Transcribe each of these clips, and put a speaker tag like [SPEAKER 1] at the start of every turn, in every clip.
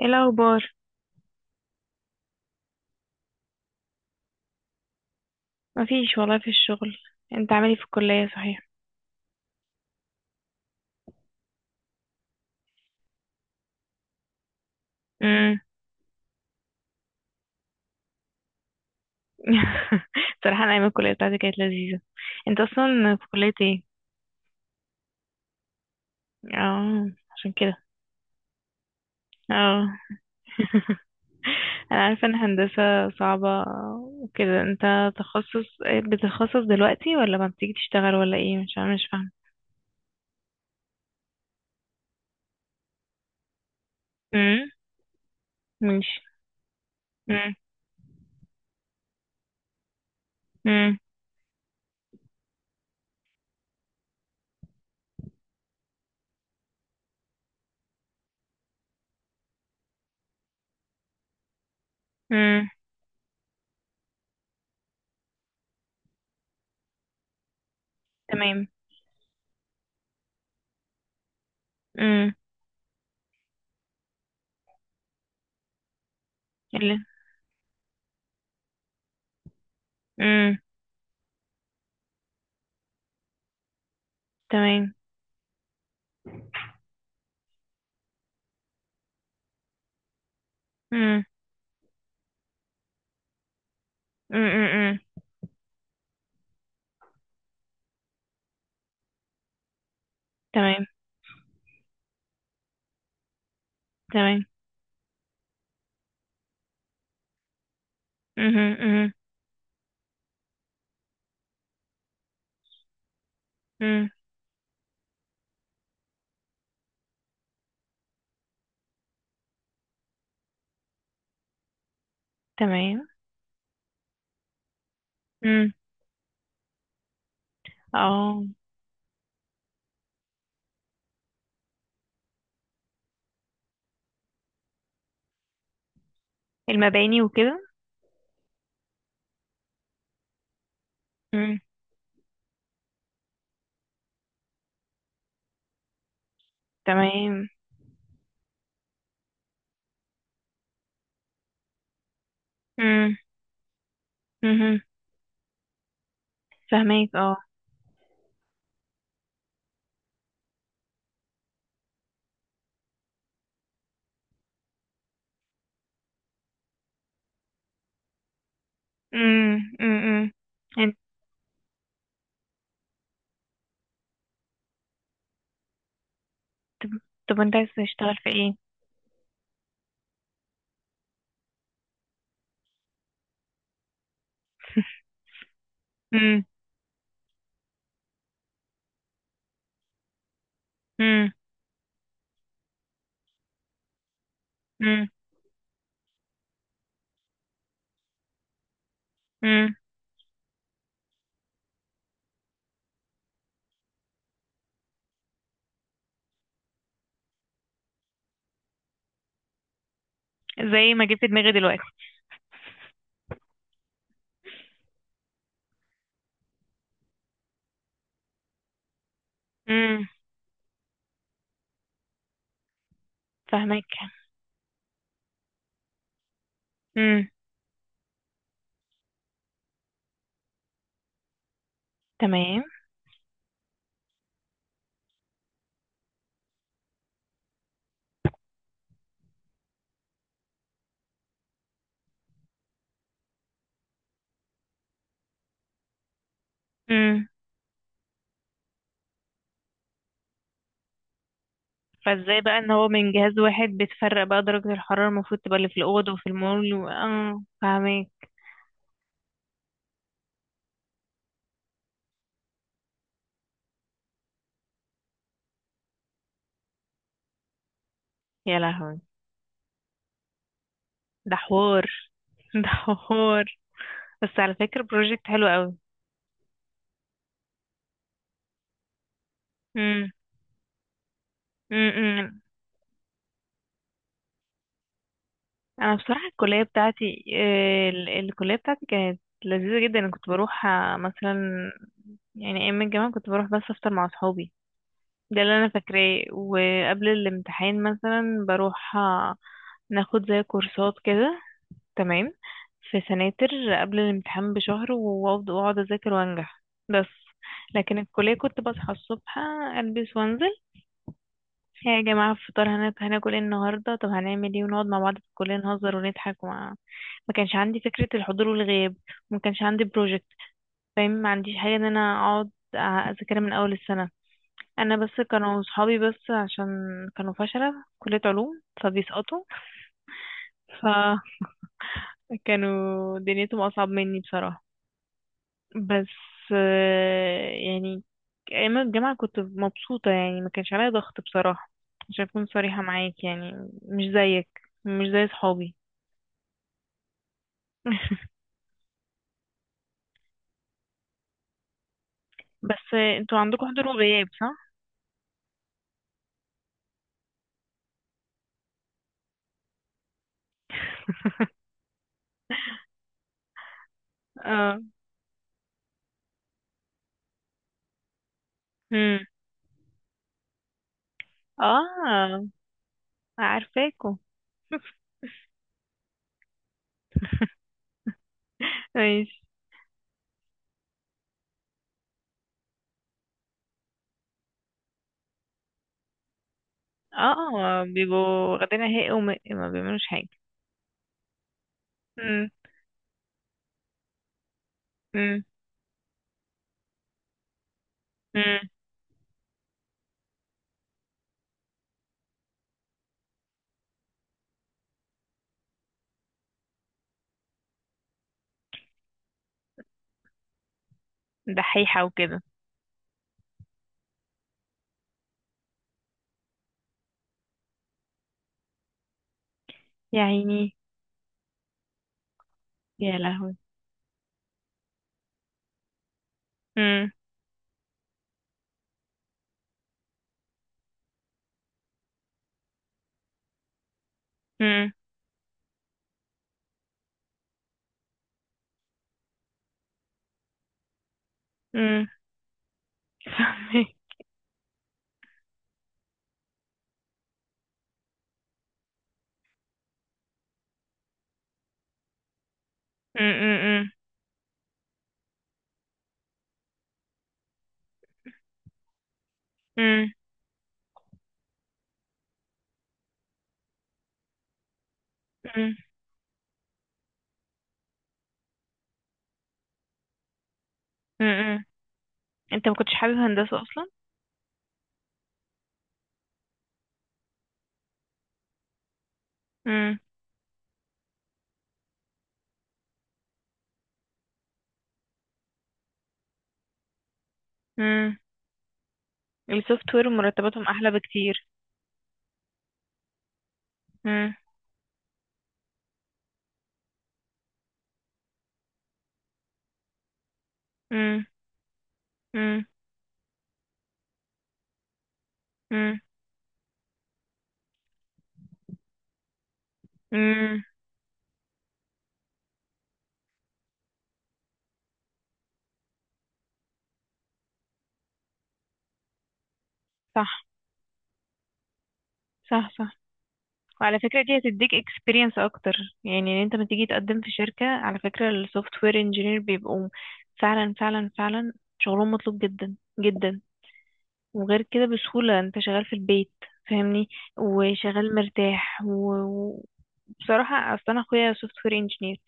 [SPEAKER 1] ايه الاخبار؟ مفيش والله في الشغل. انت عامل ايه في الكليه صحيح؟ امم. صراحه، انا ايام الكليه بتاعتي كانت لذيذه. انت اصلا في كليه ايه؟ اه، عشان كده. اه. انا عارفه ان هندسه صعبه وكده. انت تخصص بتتخصص دلوقتي، ولا ما بتيجي تشتغل، ولا ايه؟ مش عارفه مش فاهمه. امم. ماشي. امم. امم. امم. تمام. امم. اللي... امم. تمام. امم. امم. امم. تمام. تمام. مهم. مهم. مم. تمام. مم. اه. المباني وكده. مم. تمام. مم. مهم. فهماك، اه. مم. مم. مم. انت طب انت عايز تشتغل في ايه؟ مم. مم. مم. مم. زي ما جبت دماغي دلوقتي. مم. فهماك. مم. تمام. مم. فازاي بقى ان هو من جهاز واحد بتفرق بقى درجة الحرارة المفروض تبقى اللي في الأوض وفي المول اه، فهماك. يا لهوي. ده حوار. ده حوار. بس على فكرة بروجكت حلو قوي. امم. امم. انا بصراحة الكلية بتاعتي كانت لذيذة جدا. انا كنت بروح مثلا، يعني ايام الجامعة كنت بروح بس افطر مع صحابي. ده اللي انا فاكراه. وقبل الامتحان مثلا بروح ناخد زي كورسات كده. تمام. في سناتر، قبل الامتحان بشهر، وافضل واقعد اذاكر وانجح. بس لكن الكلية كنت بصحى الصبح البس وانزل. إيه يا جماعة فطار هناكل ايه النهاردة؟ طب هنعمل ايه؟ ونقعد مع بعض في الكلية نهزر ونضحك وما... ما كانش عندي فكرة الحضور والغياب، وما كانش عندي بروجكت. فاهم، ما عنديش حاجة ان انا اقعد أ- اذاكرها من اول السنة. انا بس كانوا صحابي، بس عشان كانوا فشلة في كلية علوم فبيسقطوا. فكانوا دنيتهم اصعب مني بصراحة. بس يعني ايام الجامعة كنت مبسوطة. يعني ما كانش عليا ضغط بصراحة، عشان اكون صريحة معاك يعني. مش زيك. مش زي صحابي. بس انتوا عندكم حضور وغياب صح؟ اه. امم. اه. عارفاكوا. ماشي. اه، بيبقوا واخدين هي، وما ما بيعملوش حاجة. امم. امم. امم. دحيحة وكده. يا عيني. يا لهوي. امم. امم. امم. فاهمك. امم. امم. مم. مم. انت ما كنتش حابب هندسة اصلا؟ مم. مم. السوفت وير مرتباتهم احلى بكتير. مم. مم. مم. مم. مم. صح. صح. صح. وعلى فكرة دي هتديك experience اكتر. يعني ان انت لما تيجي تقدم في شركة، على فكرة السوفت وير انجينير بيبقوا فعلا فعلا فعلا شغلهم مطلوب جدا. جدا. وغير كده بسهولة انت شغال في البيت، فاهمني؟ وشغال مرتاح وبصراحة اصلا اخويا سوفت وير انجينير،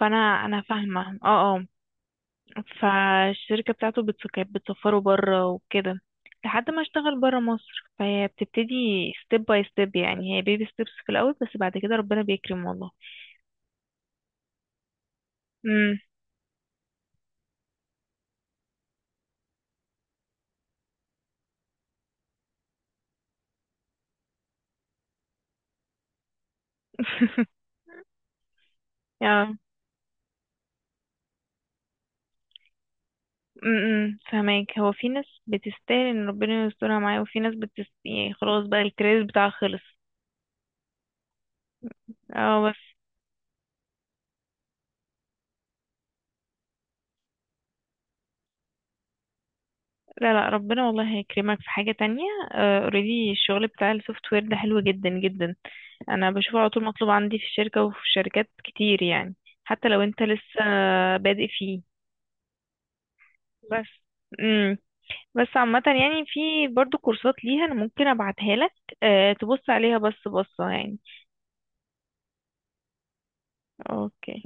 [SPEAKER 1] فانا، انا فاهمه. اه. اه. فالشركه بتاعته كانت بتسفره بره وكده، لحد ما اشتغل بره مصر. فهي بتبتدي ستيب باي ستيب، يعني هي بيبي ستيبس في الاول، بس بعد كده ربنا بيكرم والله. امم. يا... امم. فهماك، هو في ناس بتستاهل ان ربنا يسترها معاه، وفي ناس يعني خلاص بقى الكريز بتاعها خلص. اه. بس لا، لا، ربنا والله هيكرمك في حاجة تانية. اوريدي الشغل بتاع السوفت وير ده حلو جدا جدا. انا بشوفه على طول مطلوب عندي في الشركة وفي شركات كتير يعني، حتى لو انت لسه بادئ فيه. بس. امم. بس عامة يعني في برضو كورسات ليها، انا ممكن ابعتها لك. أه تبص عليها بس بصة يعني. اوكي.